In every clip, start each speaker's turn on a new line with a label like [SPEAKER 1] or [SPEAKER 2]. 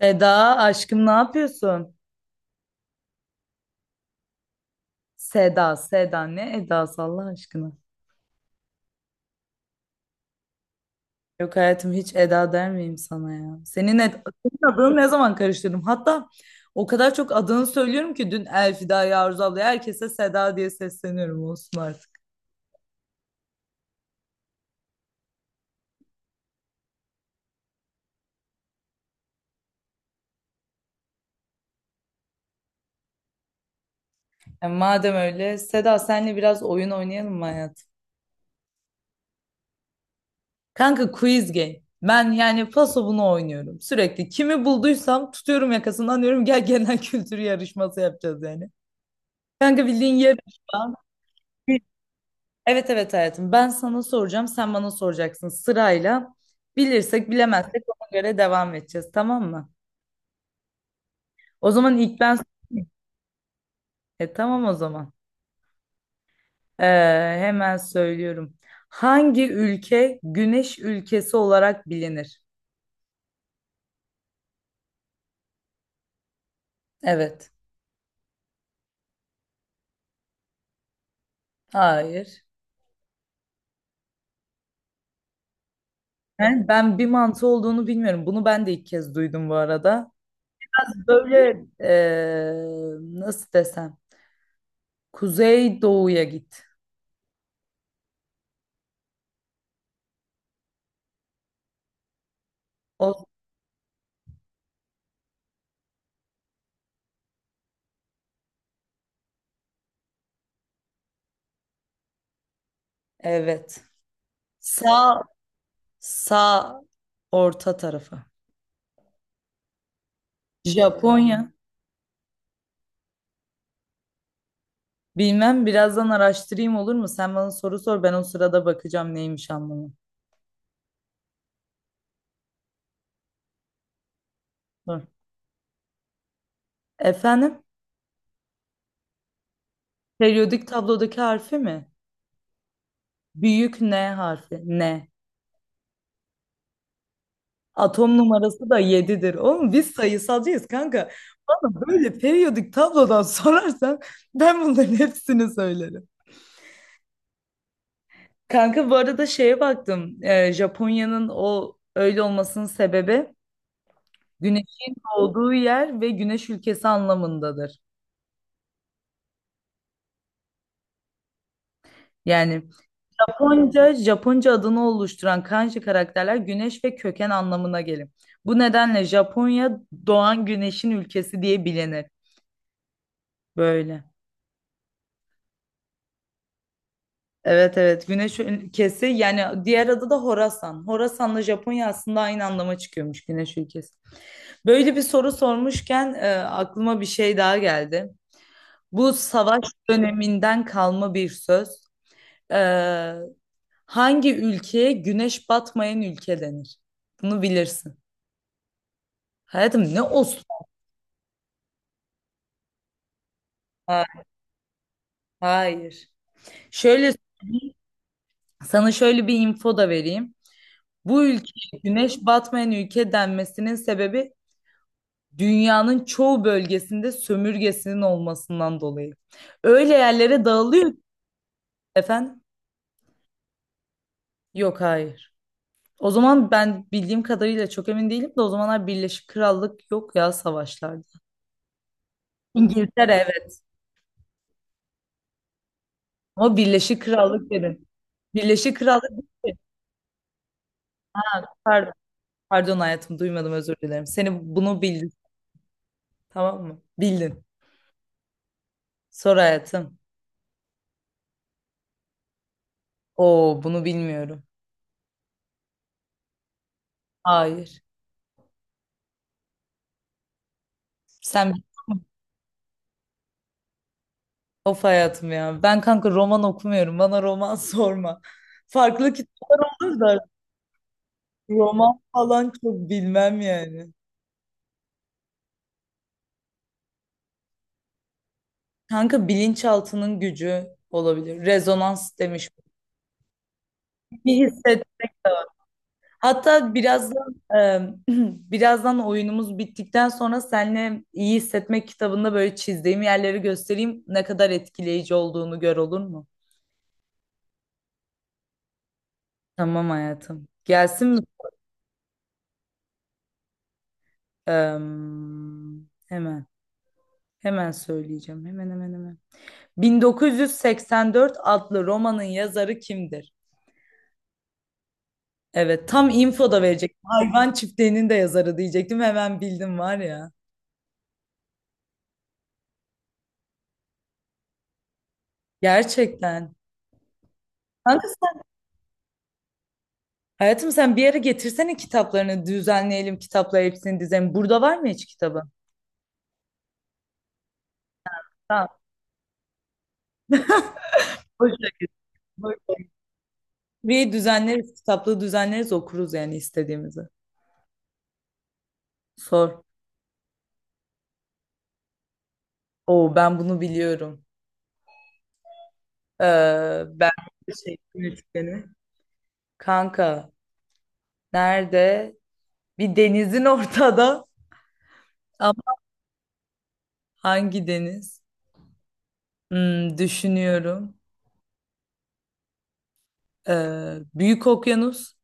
[SPEAKER 1] Eda aşkım ne yapıyorsun? Seda, Seda ne Eda'sı Allah aşkına. Yok hayatım hiç Eda der miyim sana ya? Senin, Ed senin adını ne zaman karıştırdım? Hatta o kadar çok adını söylüyorum ki dün Elfida'ya, Arzu ablaya herkese Seda diye sesleniyorum olsun artık. Yani madem öyle Seda senle biraz oyun oynayalım mı hayatım? Kanka quiz game. Ben yani paso bunu oynuyorum sürekli. Kimi bulduysam tutuyorum yakasından diyorum gel genel kültür yarışması yapacağız yani. Kanka bildiğin yarışma. Evet evet hayatım. Ben sana soracağım, sen bana soracaksın sırayla. Bilirsek, bilemezsek ona göre devam edeceğiz, tamam mı? O zaman ilk ben sorayım. Tamam o zaman. Ee, Hemen söylüyorum. Hangi ülke güneş ülkesi olarak bilinir? Evet. Hayır. Ben bir mantı olduğunu bilmiyorum. Bunu ben de ilk kez duydum bu arada. Böyle, nasıl desem? Kuzey doğuya git. O, evet. Sağ sağ orta tarafa. Japonya. Bilmem birazdan araştırayım olur mu? Sen bana soru sor ben o sırada bakacağım neymiş anlamı. Dur. Efendim? Periyodik tablodaki harfi mi? Büyük N harfi. N. Atom numarası da 7'dir. Oğlum biz sayısalcıyız kanka. Bana böyle periyodik tablodan sorarsan ben bunların hepsini söylerim. Kanka bu arada şeye baktım. Japonya'nın o öyle olmasının sebebi güneşin doğduğu yer ve güneş ülkesi anlamındadır. Yani Japonca adını oluşturan kanji karakterler güneş ve köken anlamına gelir. Bu nedenle Japonya doğan güneşin ülkesi diye bilinir. Böyle. Evet evet güneş ülkesi yani diğer adı da Horasan. Horasan'la Japonya aslında aynı anlama çıkıyormuş güneş ülkesi. Böyle bir soru sormuşken aklıma bir şey daha geldi. Bu savaş döneminden kalma bir söz. E, Hangi ülkeye güneş batmayan ülke denir? Bunu bilirsin. Hayatım ne olsun? Ha- Hayır. Şöyle sana şöyle bir info da vereyim. Bu ülkeye güneş batmayan ülke denmesinin sebebi dünyanın çoğu bölgesinde sömürgesinin olmasından dolayı. Öyle yerlere dağılıyor ki- efendim. Yok hayır. O zaman ben bildiğim kadarıyla çok emin değilim de o zamanlar Birleşik Krallık yok ya savaşlarda. İngiltere evet. Ama Birleşik Krallık dedim. Birleşik Krallık değil ki. pardon, pardon, hayatım duymadım özür dilerim. Seni bunu bildim. Tamam mı? Bildin. Sor hayatım. Oo bunu bilmiyorum. Hayır. Sen of hayatım ya. Ben kanka roman okumuyorum. Bana roman sorma. Farklı kitaplar olur da roman falan çok bilmem yani. Kanka bilinçaltının gücü olabilir. Rezonans demiş. Bir hissetmek de var. Hatta birazdan birazdan oyunumuz bittikten sonra seninle iyi hissetmek kitabında böyle çizdiğim yerleri göstereyim. Ne kadar etkileyici olduğunu gör olur mu? Tamam hayatım. Gelsin mi? Hemen. Hemen söyleyeceğim. Hemen. 1984 adlı romanın yazarı kimdir? Evet, tam info da verecektim. Hayvan çiftliğinin de yazarı diyecektim. Hemen bildim var ya. Gerçekten. Kanka, hayatım sen bir ara getirsene kitaplarını düzenleyelim. Kitapları hepsini dizelim. Burada var mı hiç kitabı? Tamam. Boş ver, boş ver. Bir düzenleriz. Kitaplığı düzenleriz okuruz yani istediğimizi. Sor. Oo ben bunu biliyorum. Ee, ben Yönetmeni. Kanka nerede? Bir denizin ortada ama hangi deniz? Düşünüyorum. Büyük Okyanus,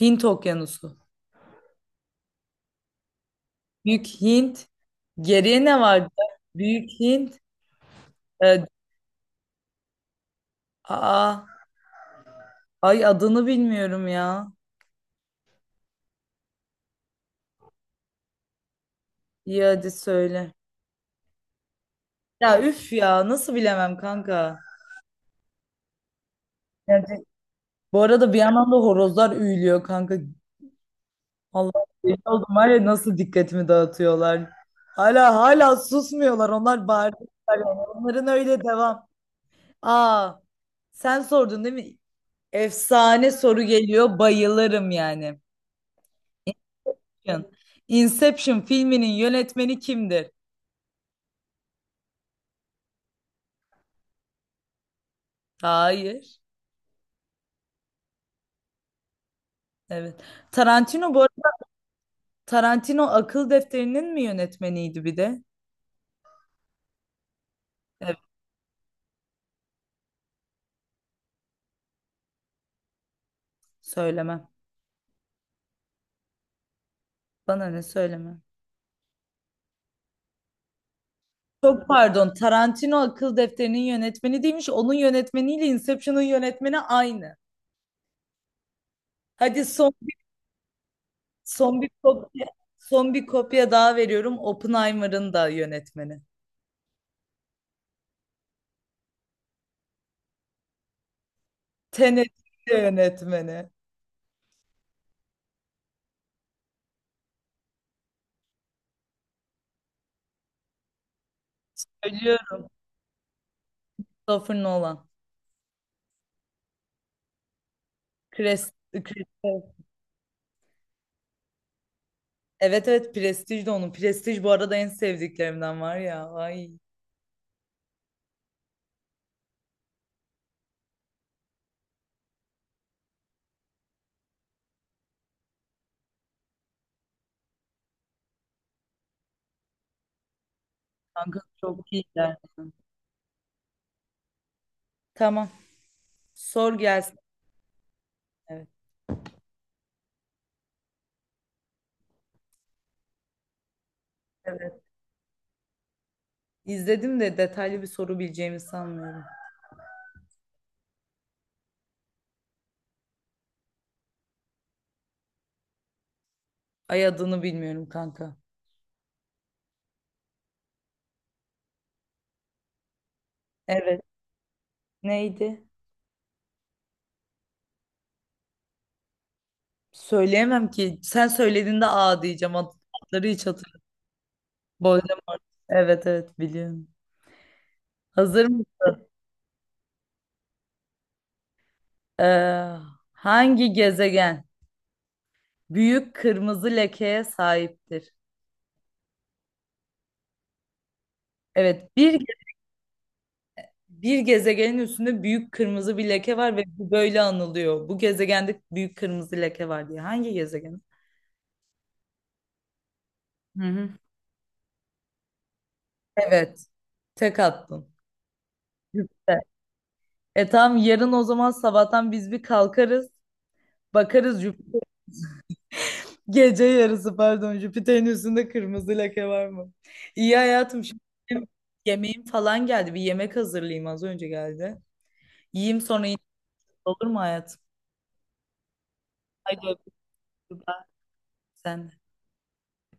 [SPEAKER 1] Hint Okyanusu. Büyük Hint. Geriye ne vardı? Büyük Hint. Ee, aa, ay adını bilmiyorum ya. İyi hadi söyle. Ya üf ya nasıl bilemem kanka. Yani, bu arada bir yandan da horozlar üyülüyor kanka. Allah deli oldum var ya nasıl dikkatimi dağıtıyorlar. Hala susmuyorlar onlar bağırıyorlar yani. Onların öyle devam. Aa sen sordun değil mi? Efsane soru geliyor bayılırım yani. Inception filminin yönetmeni kimdir? Hayır. Evet. Tarantino bu arada Tarantino Akıl Defteri'nin mi yönetmeniydi bir de? Evet söylemem. Bana ne söyleme. Çok pardon. Tarantino akıl defterinin yönetmeni değilmiş. Onun yönetmeniyle Inception'ın yönetmeni aynı. Hadi son bir kopya son bir kopya daha veriyorum. Oppenheimer'ın da yönetmeni. Tenet'in de yönetmeni. Ölüyorum. Christopher Nolan. Chris, Chris- Evet evet Prestige de onun. Prestige bu arada en sevdiklerimden var ya. Ay kanka çok iyi gerçekten. Tamam. Sor gelsin. Evet. Evet. İzledim de detaylı bir soru bileceğimi sanmıyorum. Ay adını bilmiyorum kanka. Evet. Neydi? Söyleyemem ki. Sen söylediğinde A diyeceğim. Ad- adları hiç hatırlamıyorum. Voldemort. Evet evet biliyorum. Hazır mısın? Ee, hangi gezegen büyük kırmızı lekeye sahiptir? Evet bir gezegenin üstünde büyük kırmızı bir leke var ve bu böyle anılıyor. Bu gezegende büyük kırmızı leke var diye. Hangi gezegen? Hı hı. Evet. Tek attın. Jüpiter. E tamam yarın o zaman sabahtan biz bir kalkarız. Bakarız Jüpiter. Gece yarısı pardon Jüpiter'in üstünde kırmızı leke var mı? İyi hayatım şimdi benim yemeğim falan geldi. Bir yemek hazırlayayım az önce geldi. Yiyeyim sonra yine olur mu hayatım? Hadi öpüyorum ben. Sen de.